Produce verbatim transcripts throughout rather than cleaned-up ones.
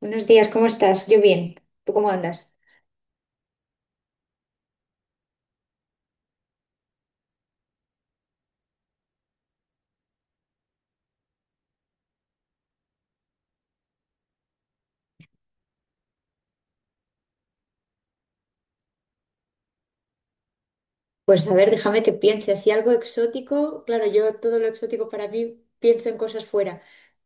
Buenos días, ¿cómo estás? Yo bien. ¿Tú cómo andas? Pues a ver, déjame que piense, así algo exótico, claro, yo todo lo exótico para mí pienso en cosas fuera.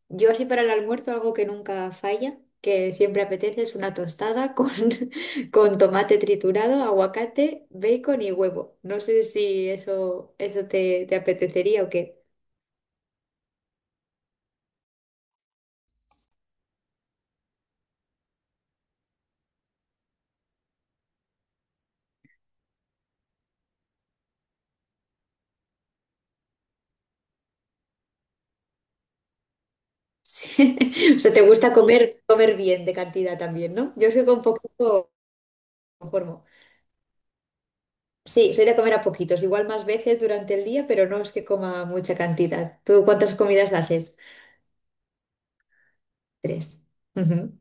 Yo así para el almuerzo algo que nunca falla, que siempre apetece es una tostada con, con tomate triturado, aguacate, bacon y huevo. No sé si eso, eso te, te apetecería o qué. Sí. O sea, te gusta comer, comer bien de cantidad también, ¿no? Yo soy con poquito conformo. Sí, soy de comer a poquitos, igual más veces durante el día, pero no es que coma mucha cantidad. ¿Tú cuántas comidas haces? Tres. Ujú.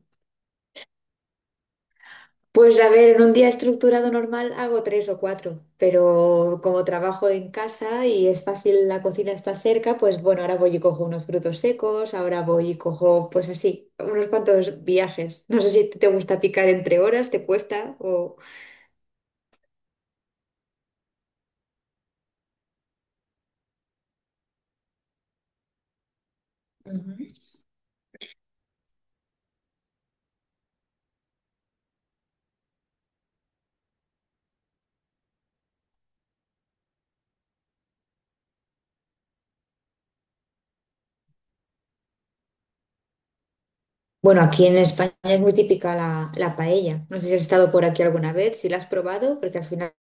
Pues a ver, en un día estructurado normal hago tres o cuatro, pero como trabajo en casa y es fácil, la cocina está cerca, pues bueno, ahora voy y cojo unos frutos secos, ahora voy y cojo, pues así, unos cuantos viajes. No sé si te gusta picar entre horas, te cuesta o... Bueno, aquí en España es muy típica la, la paella. No sé si has estado por aquí alguna vez, si la has probado, porque al final,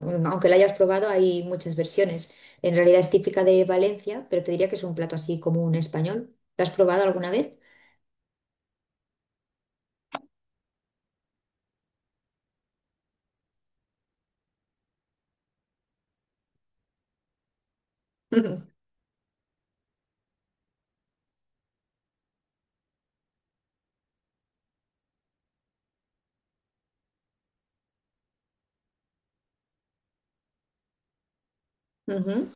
mm, aunque la hayas probado, hay muchas versiones. En realidad es típica de Valencia, pero te diría que es un plato así como un español. ¿La has probado alguna vez? Ujú.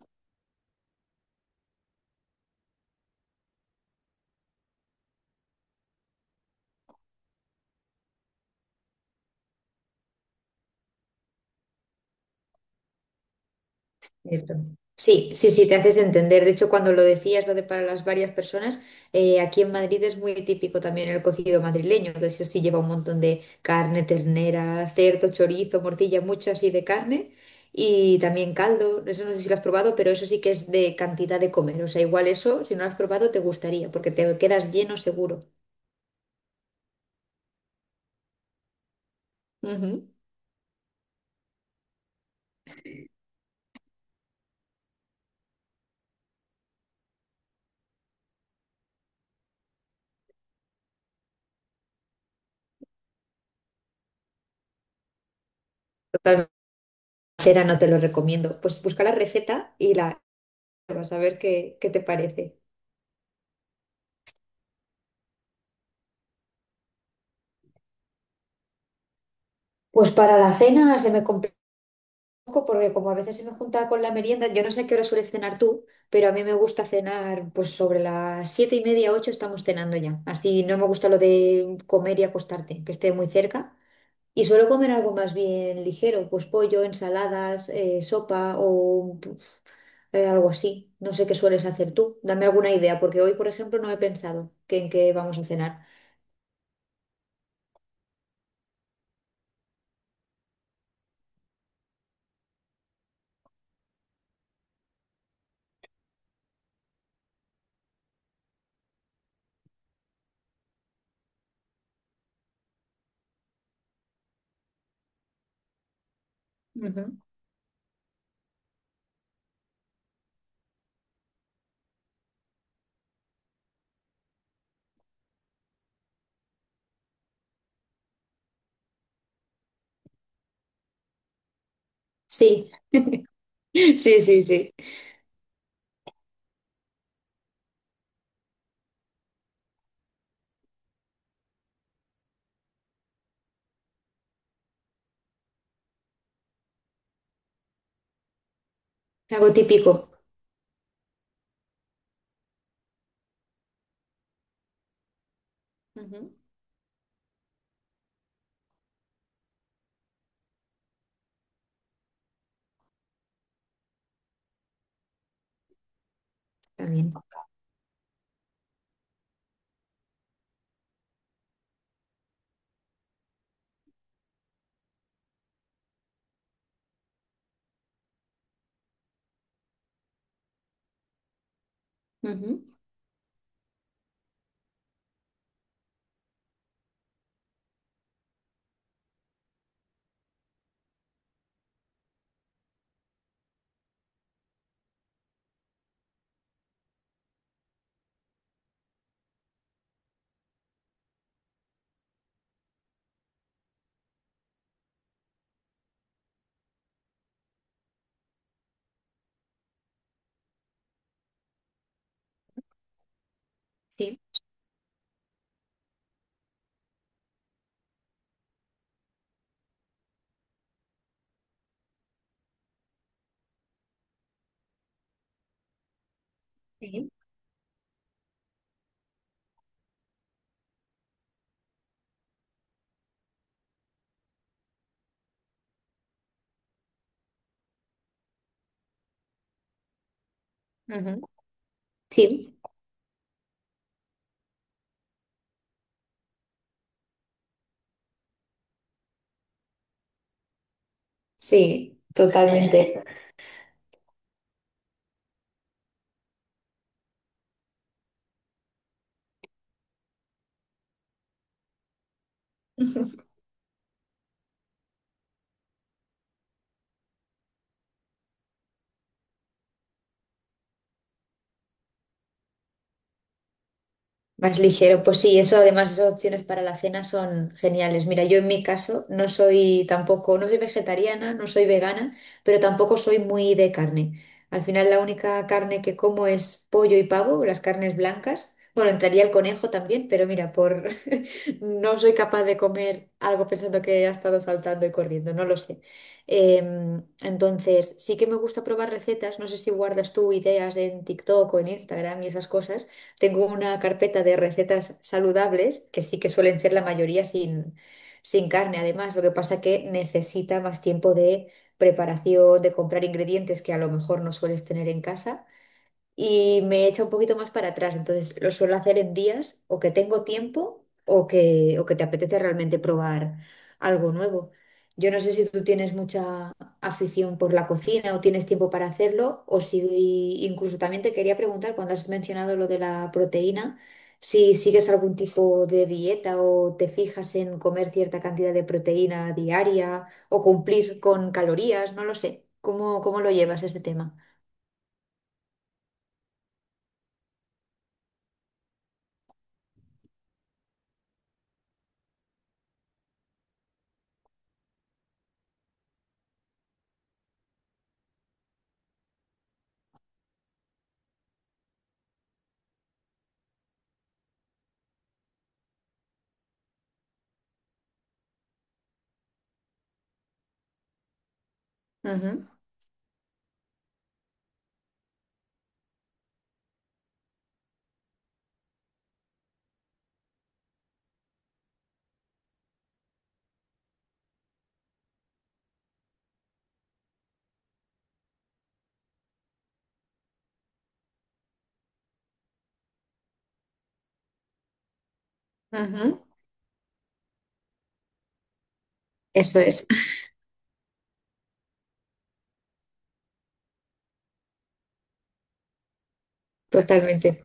Cierto. Sí, sí, sí, te haces entender. De hecho, cuando lo decías, lo de para las varias personas, eh, aquí en Madrid es muy típico también el cocido madrileño, que eso sí lleva un montón de carne, ternera, cerdo, chorizo, morcilla, mucho así de carne y también caldo. Eso no sé si lo has probado, pero eso sí que es de cantidad de comer. O sea, igual eso, si no lo has probado, te gustaría, porque te quedas lleno seguro. Ujú. Total, cera no te lo recomiendo. Pues busca la receta y la vas a ver qué, qué te parece. Pues para la cena se me complicó. Poco porque como a veces se me junta con la merienda, yo no sé a qué hora sueles cenar tú, pero a mí me gusta cenar pues sobre las siete y media, ocho estamos cenando ya. Así no me gusta lo de comer y acostarte, que esté muy cerca. Y suelo comer algo más bien ligero, pues pollo, ensaladas, eh, sopa o eh, algo así. No sé qué sueles hacer tú. Dame alguna idea, porque hoy, por ejemplo, no he pensado que en qué vamos a cenar. Ujú. Sí, sí, sí, sí. Algo típico. Ujú. También. Ujú. Sí. Sí. Ujú. Sí, sí, totalmente. Más ligero, pues sí, eso además esas opciones para la cena son geniales. Mira, yo en mi caso no soy tampoco, no soy vegetariana, no soy vegana, pero tampoco soy muy de carne. Al final la única carne que como es pollo y pavo, las carnes blancas. Bueno, entraría el conejo también, pero mira, por no soy capaz de comer algo pensando que ha estado saltando y corriendo, no lo sé. Em, entonces, sí que me gusta probar recetas, no sé si guardas tú ideas en TikTok o en Instagram y esas cosas tengo una carpeta de recetas saludables, que sí que suelen ser la mayoría sin, sin carne, además. Lo que pasa que necesita más tiempo de preparación, de comprar ingredientes que a lo mejor no sueles tener en casa y me echa un poquito más para atrás. Entonces lo suelo hacer en días o que tengo tiempo o que, o que te apetece realmente probar algo nuevo. Yo no sé si tú tienes mucha afición por la cocina o tienes tiempo para hacerlo, o si incluso también te quería preguntar cuando has mencionado lo de la proteína, si sigues algún tipo de dieta o te fijas en comer cierta cantidad de proteína diaria o cumplir con calorías, no lo sé. ¿Cómo, cómo lo llevas ese tema? Ujú, ujú. Eso es, totalmente.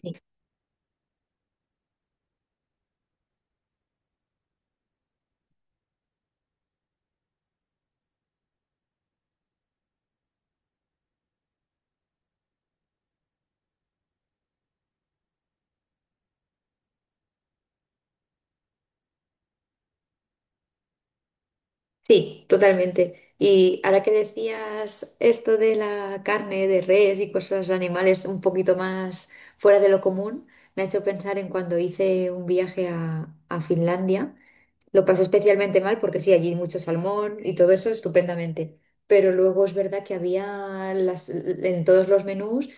Sí, sí, totalmente. Y ahora que decías esto de la carne de res y cosas animales un poquito más fuera de lo común, me ha hecho pensar en cuando hice un viaje a, a Finlandia. Lo pasé especialmente mal porque sí, allí mucho salmón y todo eso estupendamente. Pero luego es verdad que había las, en todos los menús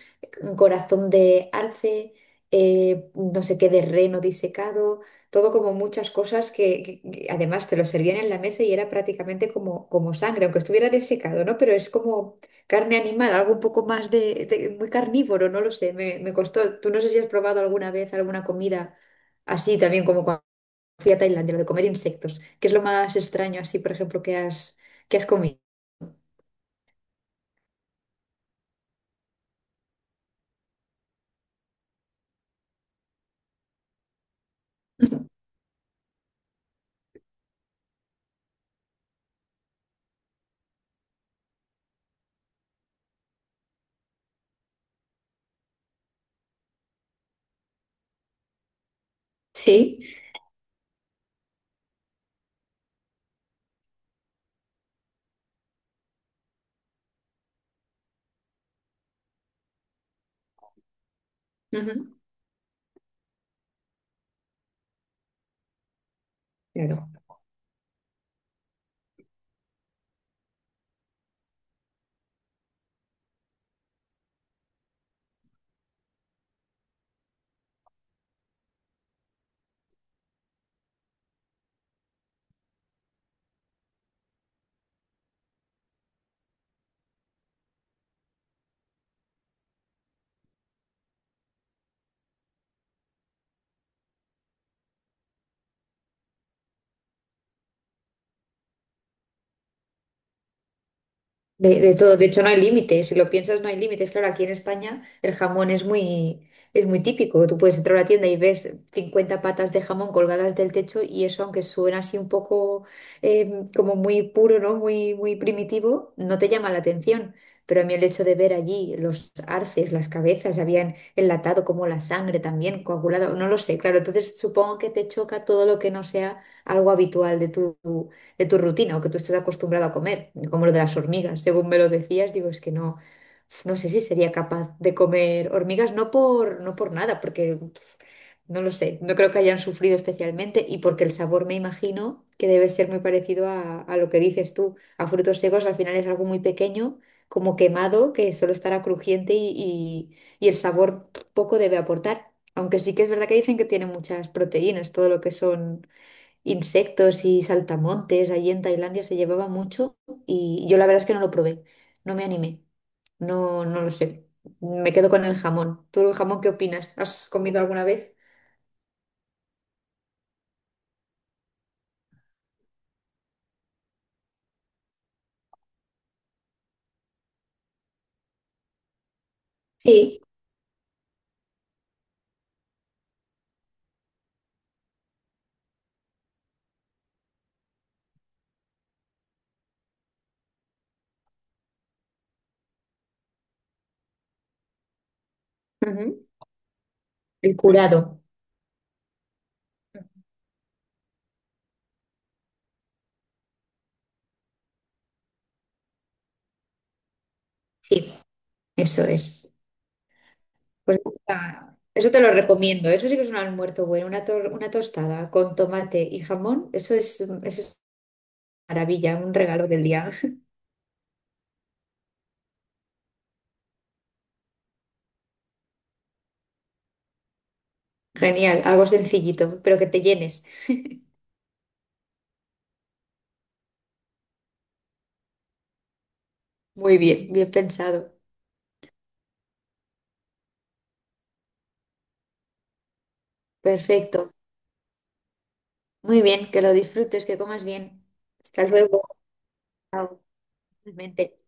un corazón de arce, eh, no sé qué de reno disecado, todo como muchas cosas que, que- que además te lo servían en la mesa y era prácticamente como, como sangre, aunque estuviera desecado, ¿no? Pero es como carne animal, algo un poco más de, de- muy carnívoro, no lo sé, me, me costó. Tú no sé si has probado alguna vez alguna comida así también como fui a Tailandia, lo de comer insectos, que es lo más extraño así, por ejemplo, que has, que has comido. Sí. Ujú, claro. De, de todo, de hecho no hay límites, si lo piensas no hay límites. Claro, aquí en España el jamón es muy, es muy típico. Tú puedes entrar a la tienda y ves cincuenta patas de jamón colgadas del techo y eso, aunque suena así un poco eh, como muy puro, ¿no? Muy, muy primitivo, no te llama la atención. Pero a mí el hecho de ver allí los arces, las cabezas, habían enlatado como la sangre también, coagulada, no lo sé, claro. Entonces supongo que te choca todo lo que no sea algo habitual de tu de tu rutina o que tú estés acostumbrado a comer, como lo de las hormigas, según me lo decías, digo, es que no, uf, no sé si sería capaz de comer hormigas, no por, no por nada, porque uf, no lo sé, no creo que hayan sufrido especialmente y porque el sabor me imagino que debe ser muy parecido a, a lo que dices tú, a frutos secos al final es algo muy pequeño, como quemado, que solo estará crujiente y, y y el sabor poco debe aportar. Aunque sí que es verdad que dicen que tiene muchas proteínas, todo lo que son insectos y saltamontes. Allí en Tailandia se llevaba mucho y yo la verdad es que no lo probé, no me animé, no, no lo sé. Me quedo con el jamón. ¿Tú el jamón qué opinas? ¿Has comido alguna vez? Sí. Ujú. El curado. Sí, eso es. Pues ah, eso te lo recomiendo. Eso sí que es un almuerzo bueno. Una, tor- una tostada con tomate y jamón. Eso es, eso es maravilla, un regalo del día. Genial, algo sencillito, pero que te llenes. Muy bien, bien pensado. Perfecto. Muy bien, que lo disfrutes, que comas bien. Hasta luego. Chao. Igualmente.